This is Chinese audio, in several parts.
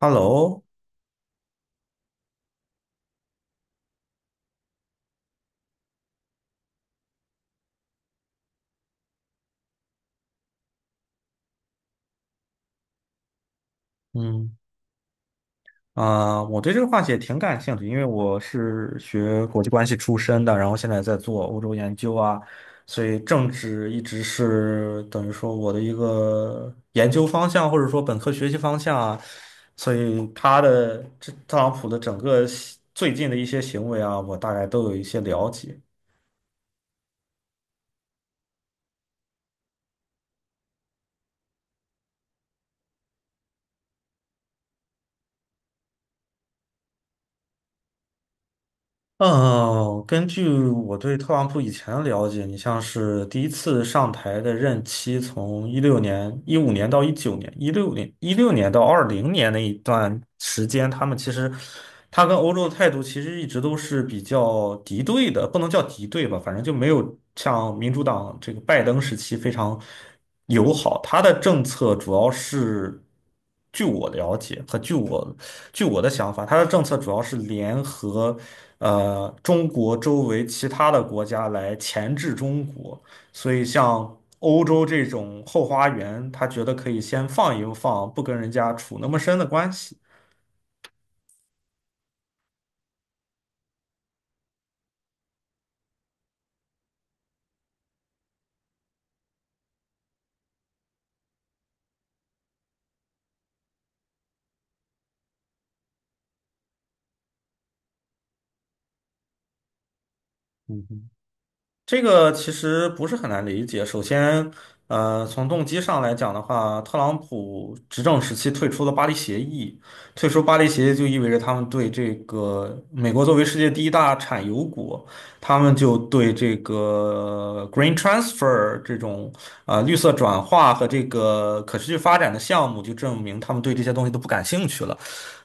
Hello，嗯我对这个话题也挺感兴趣，因为我是学国际关系出身的，然后现在在做欧洲研究，所以政治一直是等于说我的一个研究方向，或者说本科学习方向，所以他特朗普的整个行最近的一些行为，我大概都有一些了解。嗯，根据我对特朗普以前的了解，你像是第一次上台的任期从一六年、2015年到2019年、一六年到2020年那一段时间，他们其实他跟欧洲的态度其实一直都是比较敌对的，不能叫敌对吧，反正就没有像民主党这个拜登时期非常友好。他的政策主要是，据我了解和据我的想法，他的政策主要是联合。中国周围其他的国家来钳制中国，所以像欧洲这种后花园，他觉得可以先放一放，不跟人家处那么深的关系。这个其实不是很难理解。首先，从动机上来讲的话，特朗普执政时期退出了巴黎协议，退出巴黎协议就意味着他们对这个美国作为世界第一大产油国，他们就对这个 green transfer 这种绿色转化和这个可持续发展的项目，就证明他们对这些东西都不感兴趣了。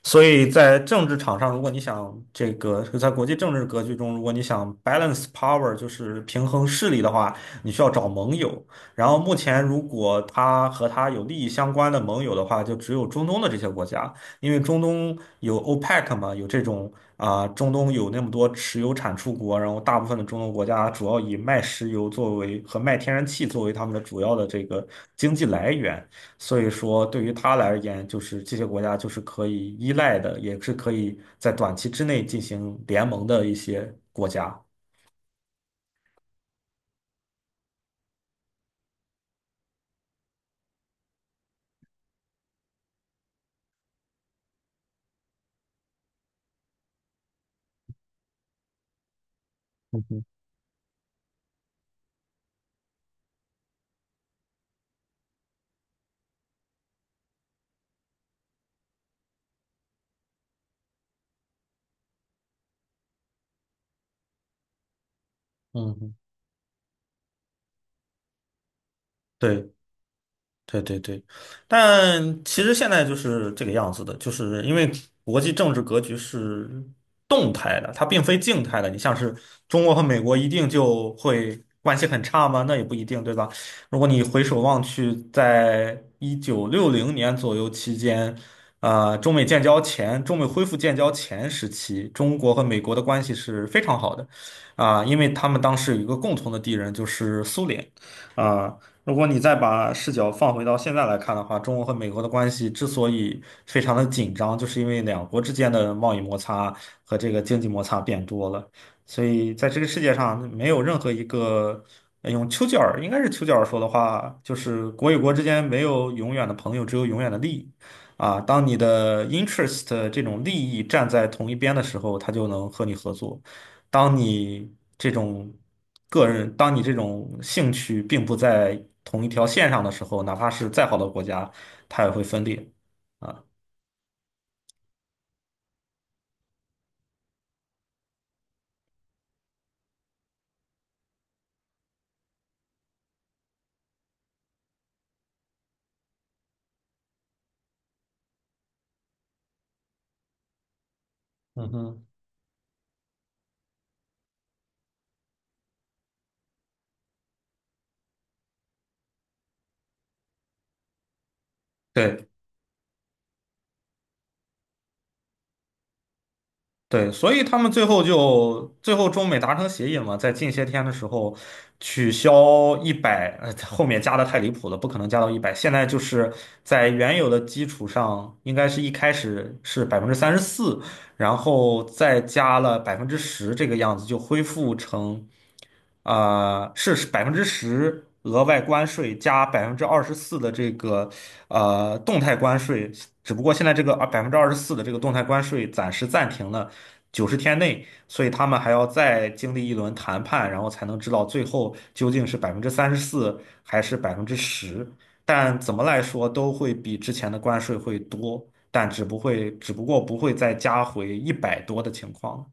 所以在政治场上，如果你想这个在国际政治格局中，如果你想 balance power,就是平衡势力的话，你需要找盟友。然后目前，如果他和他有利益相关的盟友的话，就只有中东的这些国家，因为中东有 OPEC 嘛，有这种中东有那么多石油产出国，然后大部分的中东国家主要以卖石油作为和卖天然气作为他们的主要的这个经济来源。所以说，对于他来而言，就是这些国家就是可以依赖的，也是可以在短期之内进行联盟的一些国家。嗯哼。嗯。对，对对对，但其实现在就是这个样子的，就是因为国际政治格局是动态的，它并非静态的。你像是中国和美国一定就会关系很差吗？那也不一定，对吧？如果你回首望去，在1960年左右期间，中美建交前，中美恢复建交前时期，中国和美国的关系是非常好的，因为他们当时有一个共同的敌人，就是苏联。啊、如果你再把视角放回到现在来看的话，中国和美国的关系之所以非常的紧张，就是因为两国之间的贸易摩擦和这个经济摩擦变多了。所以在这个世界上，没有任何一个用丘吉尔应该是丘吉尔说的话，就是国与国之间没有永远的朋友，只有永远的利益。当你的 interest 这种利益站在同一边的时候，他就能和你合作。当你这种当你这种兴趣并不在同一条线上的时候，哪怕是再好的国家，它也会分裂。啊。嗯哼。对。对，所以他们最后中美达成协议嘛，在近些天的时候取消一百，后面加的太离谱了，不可能加到一百。现在就是在原有的基础上，应该是一开始是百分之三十四，然后再加了百分之十这个样子，就恢复成是百分之十额外关税加百分之二十四的这个动态关税，只不过现在这个百分之二十四的这个动态关税暂时暂停了。90天内，所以他们还要再经历一轮谈判，然后才能知道最后究竟是百分之三十四还是百分之十。但怎么来说都会比之前的关税会多，但只不过不会再加回一百多的情况。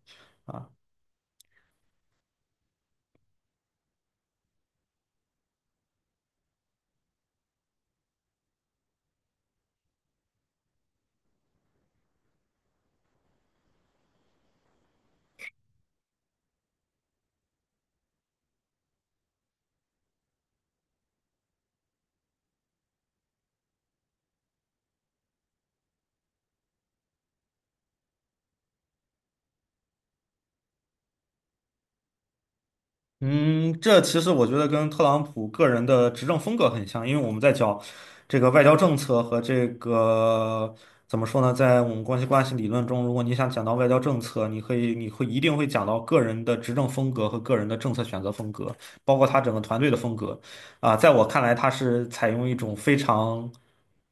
嗯，这其实我觉得跟特朗普个人的执政风格很像，因为我们在讲这个外交政策和这个怎么说呢，在我们关系理论中，如果你想讲到外交政策，你可以你会一定会讲到个人的执政风格和个人的政策选择风格，包括他整个团队的风格。在我看来，他是采用一种非常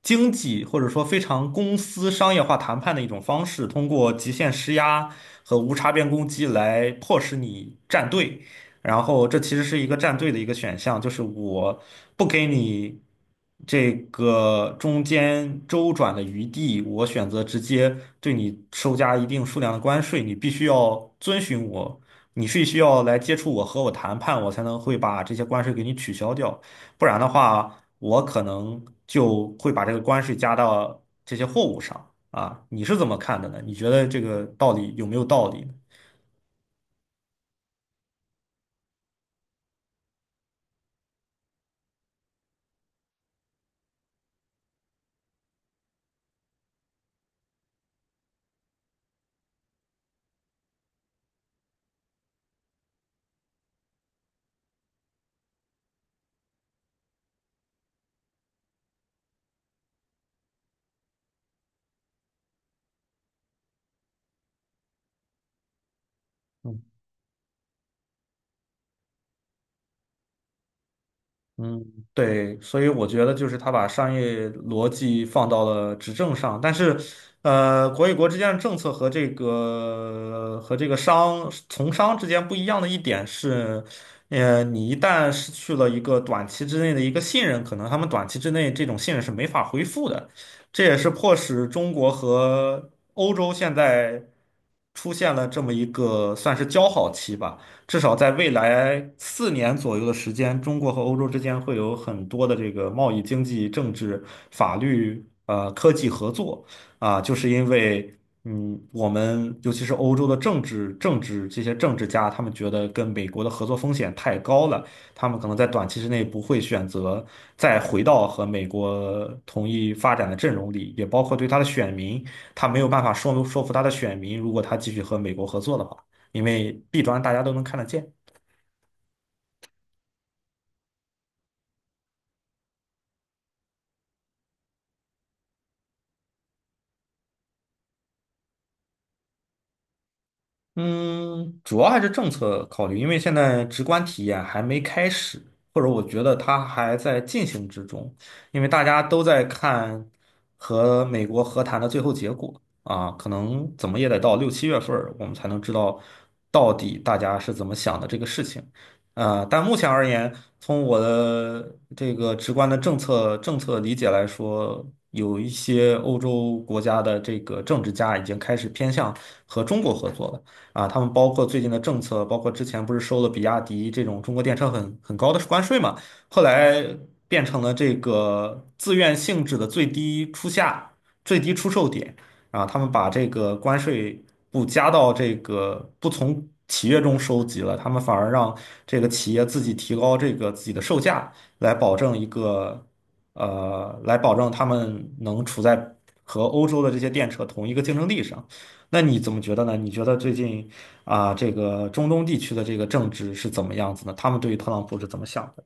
经济或者说非常公司商业化谈判的一种方式，通过极限施压和无差别攻击来迫使你站队。然后这其实是一个站队的一个选项，就是我不给你这个中间周转的余地，我选择直接对你收加一定数量的关税，你必须要遵循我，你是需要来接触我和我谈判，我才能会把这些关税给你取消掉，不然的话，我可能就会把这个关税加到这些货物上。你是怎么看的呢？你觉得这个道理有没有道理。嗯。嗯，对，所以我觉得就是他把商业逻辑放到了执政上，但是，国与国之间的政策和这个商从商之间不一样的一点是，你一旦失去了一个短期之内的一个信任，可能他们短期之内这种信任是没法恢复的，这也是迫使中国和欧洲现在出现了这么一个算是交好期吧。至少在未来4年左右的时间，中国和欧洲之间会有很多的这个贸易、经济、政治、法律、科技合作，就是因为我们尤其是欧洲的政治政治这些政治家，他们觉得跟美国的合作风险太高了，他们可能在短期之内不会选择再回到和美国同一发展的阵容里，也包括对他的选民，他没有办法说服他的选民，如果他继续和美国合作的话。因为弊端大家都能看得见。嗯，主要还是政策考虑，因为现在直观体验还没开始，或者我觉得它还在进行之中，因为大家都在看和美国和谈的最后结果，可能怎么也得到6、7月份儿，我们才能知道到底大家是怎么想的这个事情。但目前而言，从我的这个直观的政策理解来说，有一些欧洲国家的这个政治家已经开始偏向和中国合作了。他们包括最近的政策，包括之前不是收了比亚迪这种中国电车很高的关税嘛，后来变成了这个自愿性质的最低出价、最低出售点，他们把这个关税不加到这个不从企业中收集了，他们反而让这个企业自己提高这个自己的售价，来保证一个来保证他们能处在和欧洲的这些电车同一个竞争力上。那你怎么觉得呢？你觉得最近这个中东地区的这个政治是怎么样子呢？他们对于特朗普是怎么想的？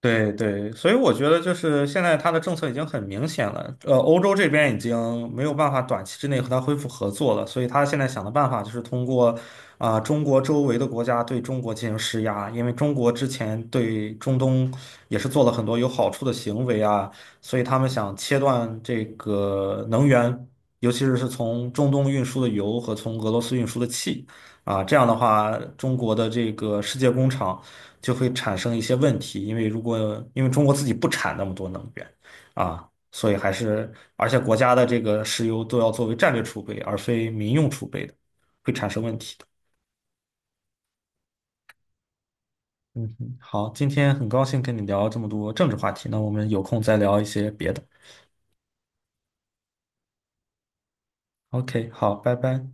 对对，所以我觉得就是现在它的政策已经很明显了，欧洲这边已经没有办法短期之内和它恢复合作了，所以他现在想的办法就是通过中国周围的国家对中国进行施压，因为中国之前对中东也是做了很多有好处的行为，所以他们想切断这个能源，尤其是从中东运输的油和从俄罗斯运输的气，这样的话，中国的这个世界工厂，就会产生一些问题，因为因为中国自己不产那么多能源，所以而且国家的这个石油都要作为战略储备，而非民用储备的，会产生问题的。嗯哼。好，今天很高兴跟你聊这么多政治话题，那我们有空再聊一些别的。OK,好，拜拜。